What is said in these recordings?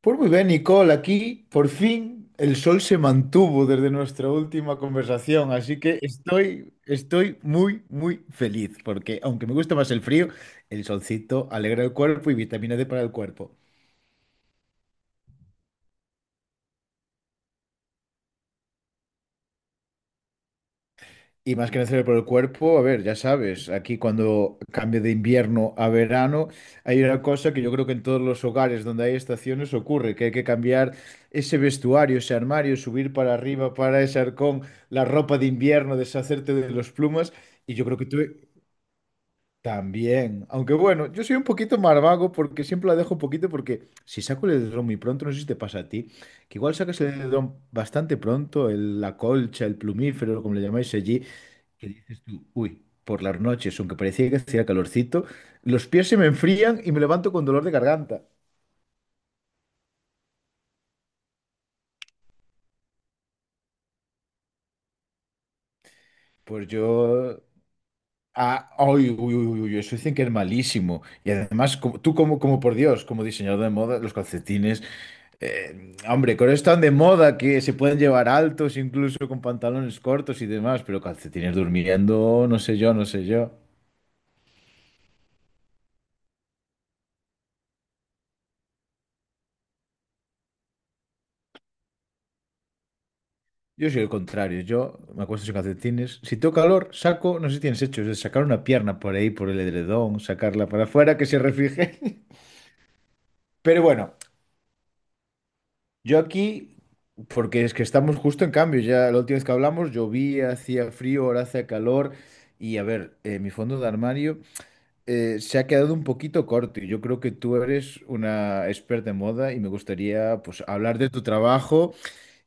Pues muy bien, Nicole, aquí por fin el sol se mantuvo desde nuestra última conversación, así que estoy muy, muy feliz, porque aunque me gusta más el frío, el solcito alegra el cuerpo y vitamina D para el cuerpo. Y más que necesario por el cuerpo, a ver, ya sabes, aquí cuando cambia de invierno a verano, hay una cosa que yo creo que en todos los hogares donde hay estaciones ocurre, que hay que cambiar ese vestuario, ese armario, subir para arriba, para ese arcón, la ropa de invierno, deshacerte de los plumas, y yo creo que tú también. Aunque bueno, yo soy un poquito más vago porque siempre la dejo un poquito porque si saco el edredón muy pronto, no sé si te pasa a ti, que igual sacas el edredón bastante pronto, la colcha, el plumífero, como le llamáis allí. ¿Qué dices tú? Uy, por las noches, aunque parecía que hacía calorcito, los pies se me enfrían y me levanto con dolor de garganta. Pues yo... Ah, uy, uy, uy, uy, uy, eso dicen que es malísimo. Y además, como, tú como, como por Dios, como diseñador de moda, los calcetines, hombre, con esto tan de moda que se pueden llevar altos, incluso con pantalones cortos y demás, pero calcetines durmiendo, no sé yo, no sé yo. Yo soy el contrario, yo me acuesto sin calcetines. Si tengo calor, saco, no sé si tienes hecho, es de sacar una pierna por ahí, por el edredón, sacarla para afuera, que se refrige. Pero bueno, yo aquí, porque es que estamos justo en cambio, ya la última vez que hablamos llovía, hacía frío, ahora hace calor. Y a ver, mi fondo de armario se ha quedado un poquito corto y yo creo que tú eres una experta en moda y me gustaría pues hablar de tu trabajo.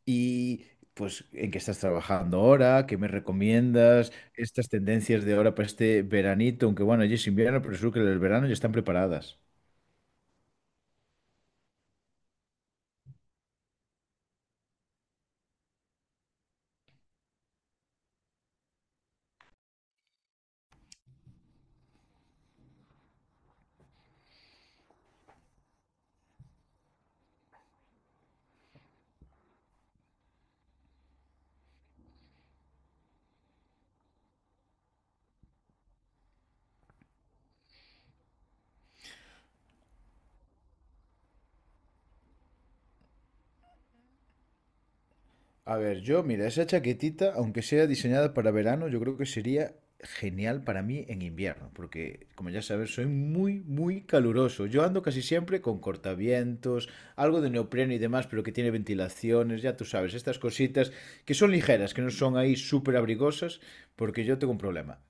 Y pues, ¿en qué estás trabajando ahora? ¿Qué me recomiendas? Estas tendencias de ahora para este veranito, aunque bueno, ya es invierno, pero seguro que el verano ya están preparadas. A ver, yo, mira, esa chaquetita, aunque sea diseñada para verano, yo creo que sería genial para mí en invierno, porque como ya sabes, soy muy, muy caluroso. Yo ando casi siempre con cortavientos, algo de neopreno y demás, pero que tiene ventilaciones, ya tú sabes, estas cositas que son ligeras, que no son ahí súper abrigosas, porque yo tengo un problema.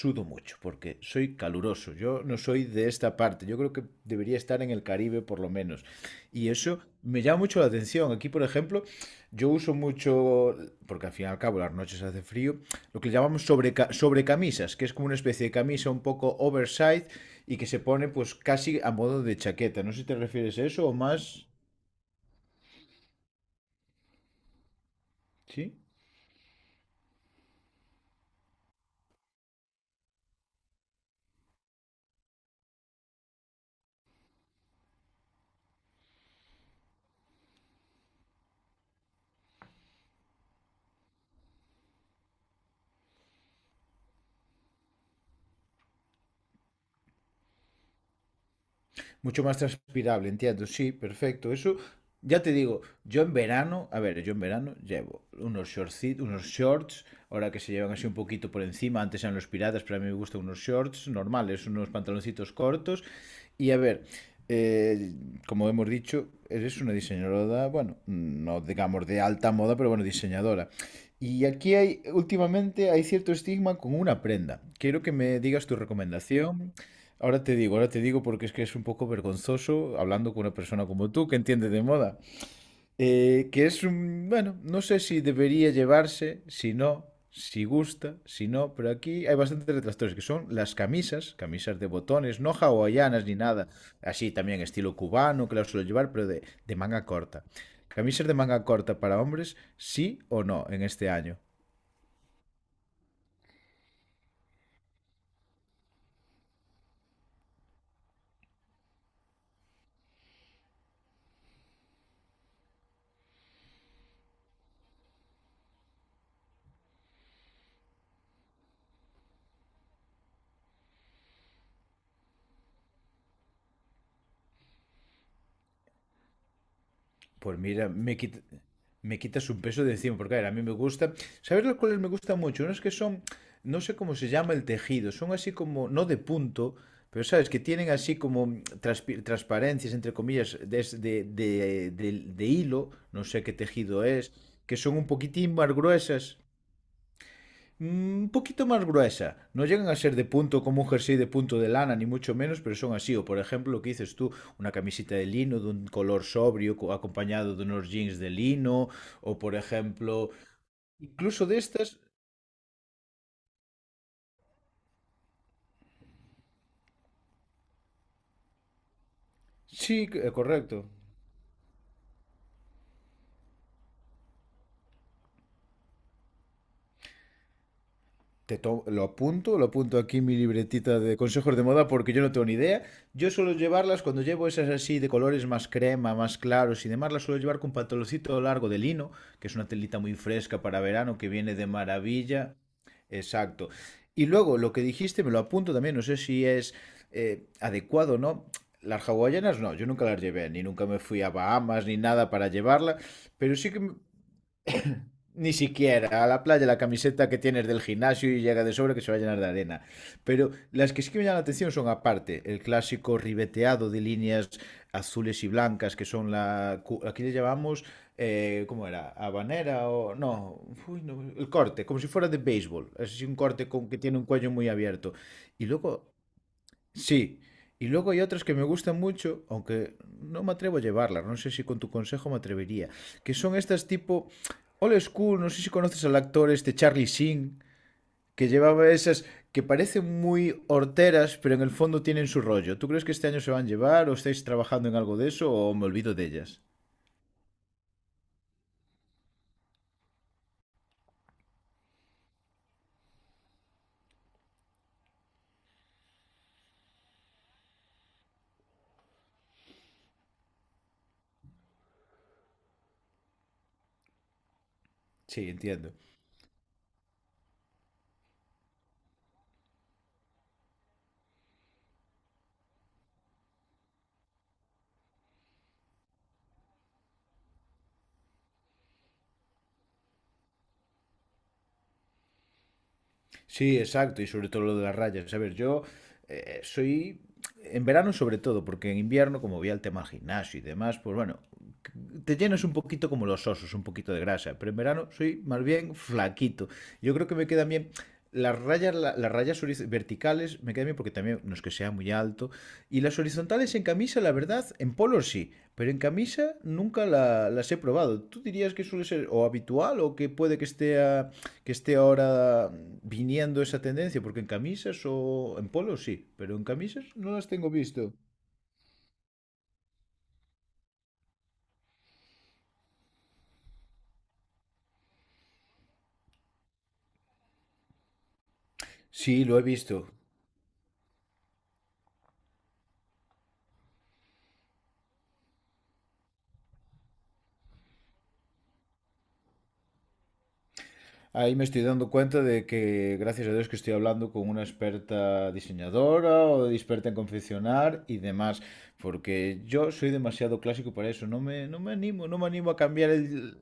Sudo mucho, porque soy caluroso. Yo no soy de esta parte. Yo creo que debería estar en el Caribe por lo menos. Y eso me llama mucho la atención. Aquí, por ejemplo, yo uso mucho, porque al fin y al cabo las noches hace frío, lo que le llamamos sobrecamisas, que es como una especie de camisa un poco oversized y que se pone pues casi a modo de chaqueta. No sé si te refieres a eso o más... ¿Sí? Mucho más transpirable, entiendo. Sí, perfecto. Eso, ya te digo, yo en verano, a ver, yo en verano llevo unos shortcitos, unos shorts, ahora que se llevan así un poquito por encima, antes eran los piratas, pero a mí me gustan unos shorts normales, unos pantaloncitos cortos. Y a ver, eh, como hemos dicho, eres una diseñadora, bueno, no digamos de alta moda, pero bueno, diseñadora. Y aquí hay, últimamente hay cierto estigma con una prenda. Quiero que me digas tu recomendación. Ahora te digo porque es que es un poco vergonzoso hablando con una persona como tú que entiende de moda. Que es un, bueno, no sé si debería llevarse, si no, si gusta, si no, pero aquí hay bastantes detractores que son las camisas, camisas de botones, no hawaianas ni nada, así también estilo cubano que las suelo llevar, pero de manga corta. Camisas de manga corta para hombres, sí o no en este año. Pues mira, me quitas un peso de encima, porque a ver, a mí me gusta. ¿Sabes los cuales me gustan mucho? Unos que son, no sé cómo se llama el tejido, son así como, no de punto, pero sabes, que tienen así como transparencias, entre comillas, de, de, de hilo, no sé qué tejido es, que son un poquitín más gruesas. Un poquito más gruesa. No llegan a ser de punto como un jersey de punto de lana, ni mucho menos, pero son así. O por ejemplo, lo que dices tú, una camiseta de lino de un color sobrio acompañado de unos jeans de lino. O por ejemplo, incluso de estas... Sí, correcto. Lo apunto aquí en mi libretita de consejos de moda porque yo no tengo ni idea. Yo suelo llevarlas cuando llevo esas así de colores más crema, más claros y demás, las suelo llevar con pantaloncito largo de lino, que es una telita muy fresca para verano que viene de maravilla. Exacto. Y luego lo que dijiste me lo apunto también, no sé si es adecuado o no. Las hawaianas no, yo nunca las llevé, ni nunca me fui a Bahamas ni nada para llevarla, pero sí que ni siquiera a la playa la camiseta que tienes del gimnasio y llega de sobra que se va a llenar de arena. Pero las que sí que me llaman la atención son aparte el clásico ribeteado de líneas azules y blancas que son la... Aquí le llamamos... ¿cómo era? ¿Habanera o...? No, uy, no, el corte, como si fuera de béisbol. Es así un corte con, que tiene un cuello muy abierto. Y luego sí, y luego hay otras que me gustan mucho, aunque no me atrevo a llevarlas, no sé si con tu consejo me atrevería, que son estas tipo old school, no sé si conoces al actor este Charlie Sheen, que llevaba esas que parecen muy horteras, pero en el fondo tienen su rollo. ¿Tú crees que este año se van a llevar o estáis trabajando en algo de eso o me olvido de ellas? Sí, entiendo. Sí, exacto, y sobre todo lo de las rayas. A ver, yo soy, en verano sobre todo, porque en invierno, como voy al tema al gimnasio y demás, pues bueno, c- te llenas un poquito como los osos, un poquito de grasa, pero en verano soy más bien flaquito. Yo creo que me quedan bien las rayas, las rayas verticales, me quedan bien porque también no es que sea muy alto, y las horizontales en camisa, la verdad, en polos sí, pero en camisa nunca las he probado. ¿Tú dirías que suele ser o habitual o que puede que esté a que esté ahora viniendo esa tendencia, porque en camisas o en polos sí, pero en camisas no las tengo visto? Sí, lo he visto. Ahí me estoy dando cuenta de que, gracias a Dios, que estoy hablando con una experta diseñadora o experta en confeccionar y demás, porque yo soy demasiado clásico para eso, no me animo, no me animo a cambiar el,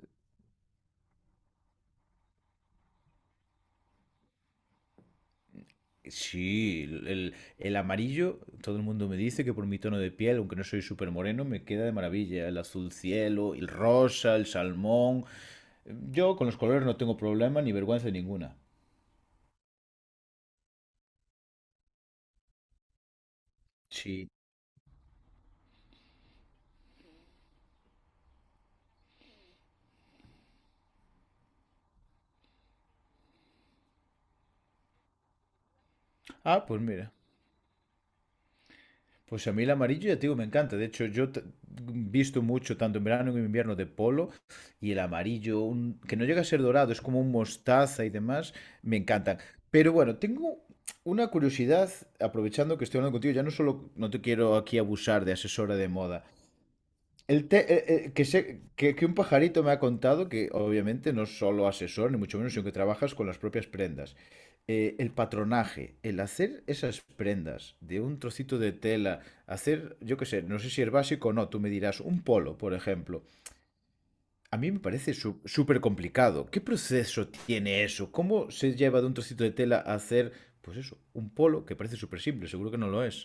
sí, el amarillo, todo el mundo me dice que por mi tono de piel, aunque no soy súper moreno, me queda de maravilla. El azul cielo, el rosa, el salmón. Yo con los colores no tengo problema ni vergüenza ninguna. Sí. Ah, pues mira. Pues a mí el amarillo, ya te digo, me encanta. De hecho, visto mucho, tanto en verano como en invierno, de polo. Y el amarillo, que no llega a ser dorado, es como un mostaza y demás, me encantan. Pero bueno, tengo una curiosidad, aprovechando que estoy hablando contigo, ya no solo, no te quiero aquí abusar de asesora de moda, que, sé, que un pajarito me ha contado que obviamente no es solo asesor, ni mucho menos, sino que trabajas con las propias prendas. El patronaje, el hacer esas prendas de un trocito de tela, hacer, yo qué sé, no sé si es básico o no, tú me dirás, un polo, por ejemplo. A mí me parece súper complicado. ¿Qué proceso tiene eso? ¿Cómo se lleva de un trocito de tela a hacer, pues eso, un polo que parece súper simple? Seguro que no lo es.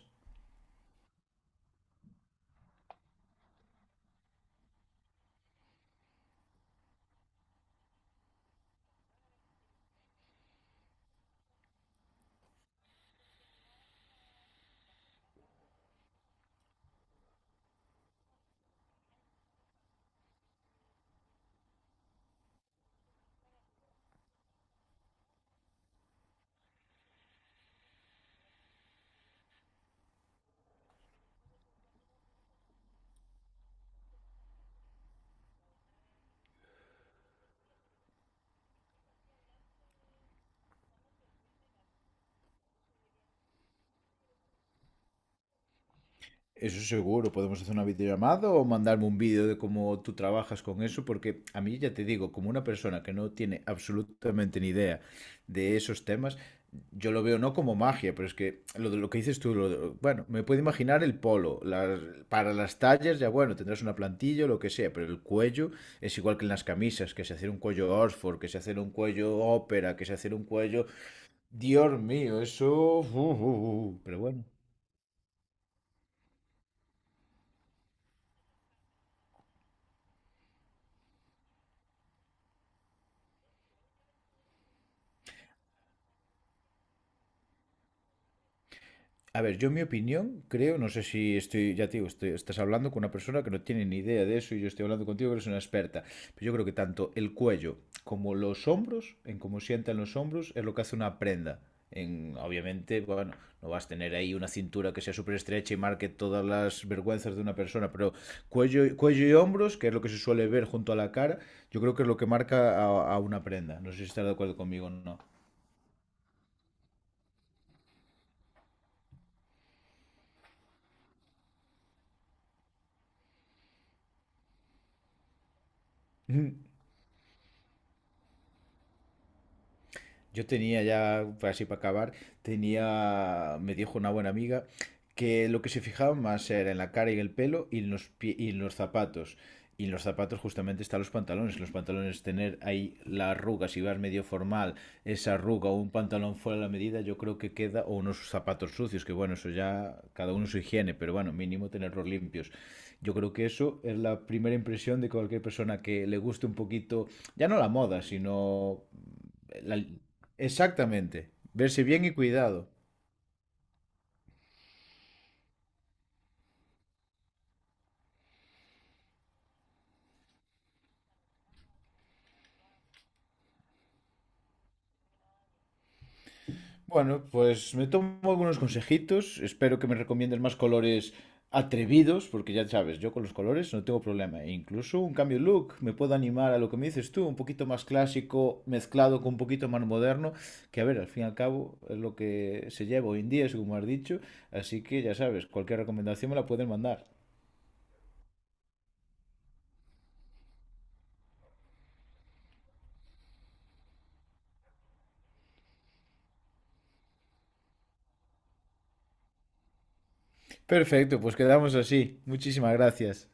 Eso seguro, podemos hacer una videollamada o mandarme un vídeo de cómo tú trabajas con eso, porque a mí ya te digo, como una persona que no tiene absolutamente ni idea de esos temas, yo lo veo no como magia, pero es que lo, lo que dices tú, bueno, me puedo imaginar el polo, para las tallas ya bueno, tendrás una plantilla o lo que sea, pero el cuello es igual que en las camisas, que se hace un cuello Oxford, que se hace un cuello ópera, que se hace un cuello... Dios mío, eso... pero bueno. A ver, yo en mi opinión creo, no sé si estoy, ya te digo, estás hablando con una persona que no tiene ni idea de eso y yo estoy hablando contigo que eres una experta, pero yo creo que tanto el cuello como los hombros, en cómo sientan los hombros, es lo que hace una prenda. En, obviamente, bueno, no vas a tener ahí una cintura que sea súper estrecha y marque todas las vergüenzas de una persona, pero cuello, cuello y hombros, que es lo que se suele ver junto a la cara, yo creo que es lo que marca a una prenda. No sé si estás de acuerdo conmigo o no. Yo tenía ya, así para acabar, tenía, me dijo una buena amiga que lo que se fijaba más era en la cara y el pelo y en los, y en los zapatos. Y en los zapatos justamente están los pantalones. Los pantalones, tener ahí la arruga, si vas medio formal, esa arruga o un pantalón fuera de la medida, yo creo que queda, o unos zapatos sucios, que bueno, eso ya cada uno su higiene, pero bueno, mínimo tenerlos limpios. Yo creo que eso es la primera impresión de cualquier persona que le guste un poquito, ya no la moda, sino la, exactamente. Verse bien y cuidado. Bueno, pues me tomo algunos consejitos. Espero que me recomiendes más colores atrevidos, porque ya sabes, yo con los colores no tengo problema. E incluso un cambio de look me puedo animar a lo que me dices tú, un poquito más clásico mezclado con un poquito más moderno, que a ver, al fin y al cabo es lo que se lleva hoy en día, es como has dicho. Así que ya sabes, cualquier recomendación me la pueden mandar. Perfecto, pues quedamos así. Muchísimas gracias.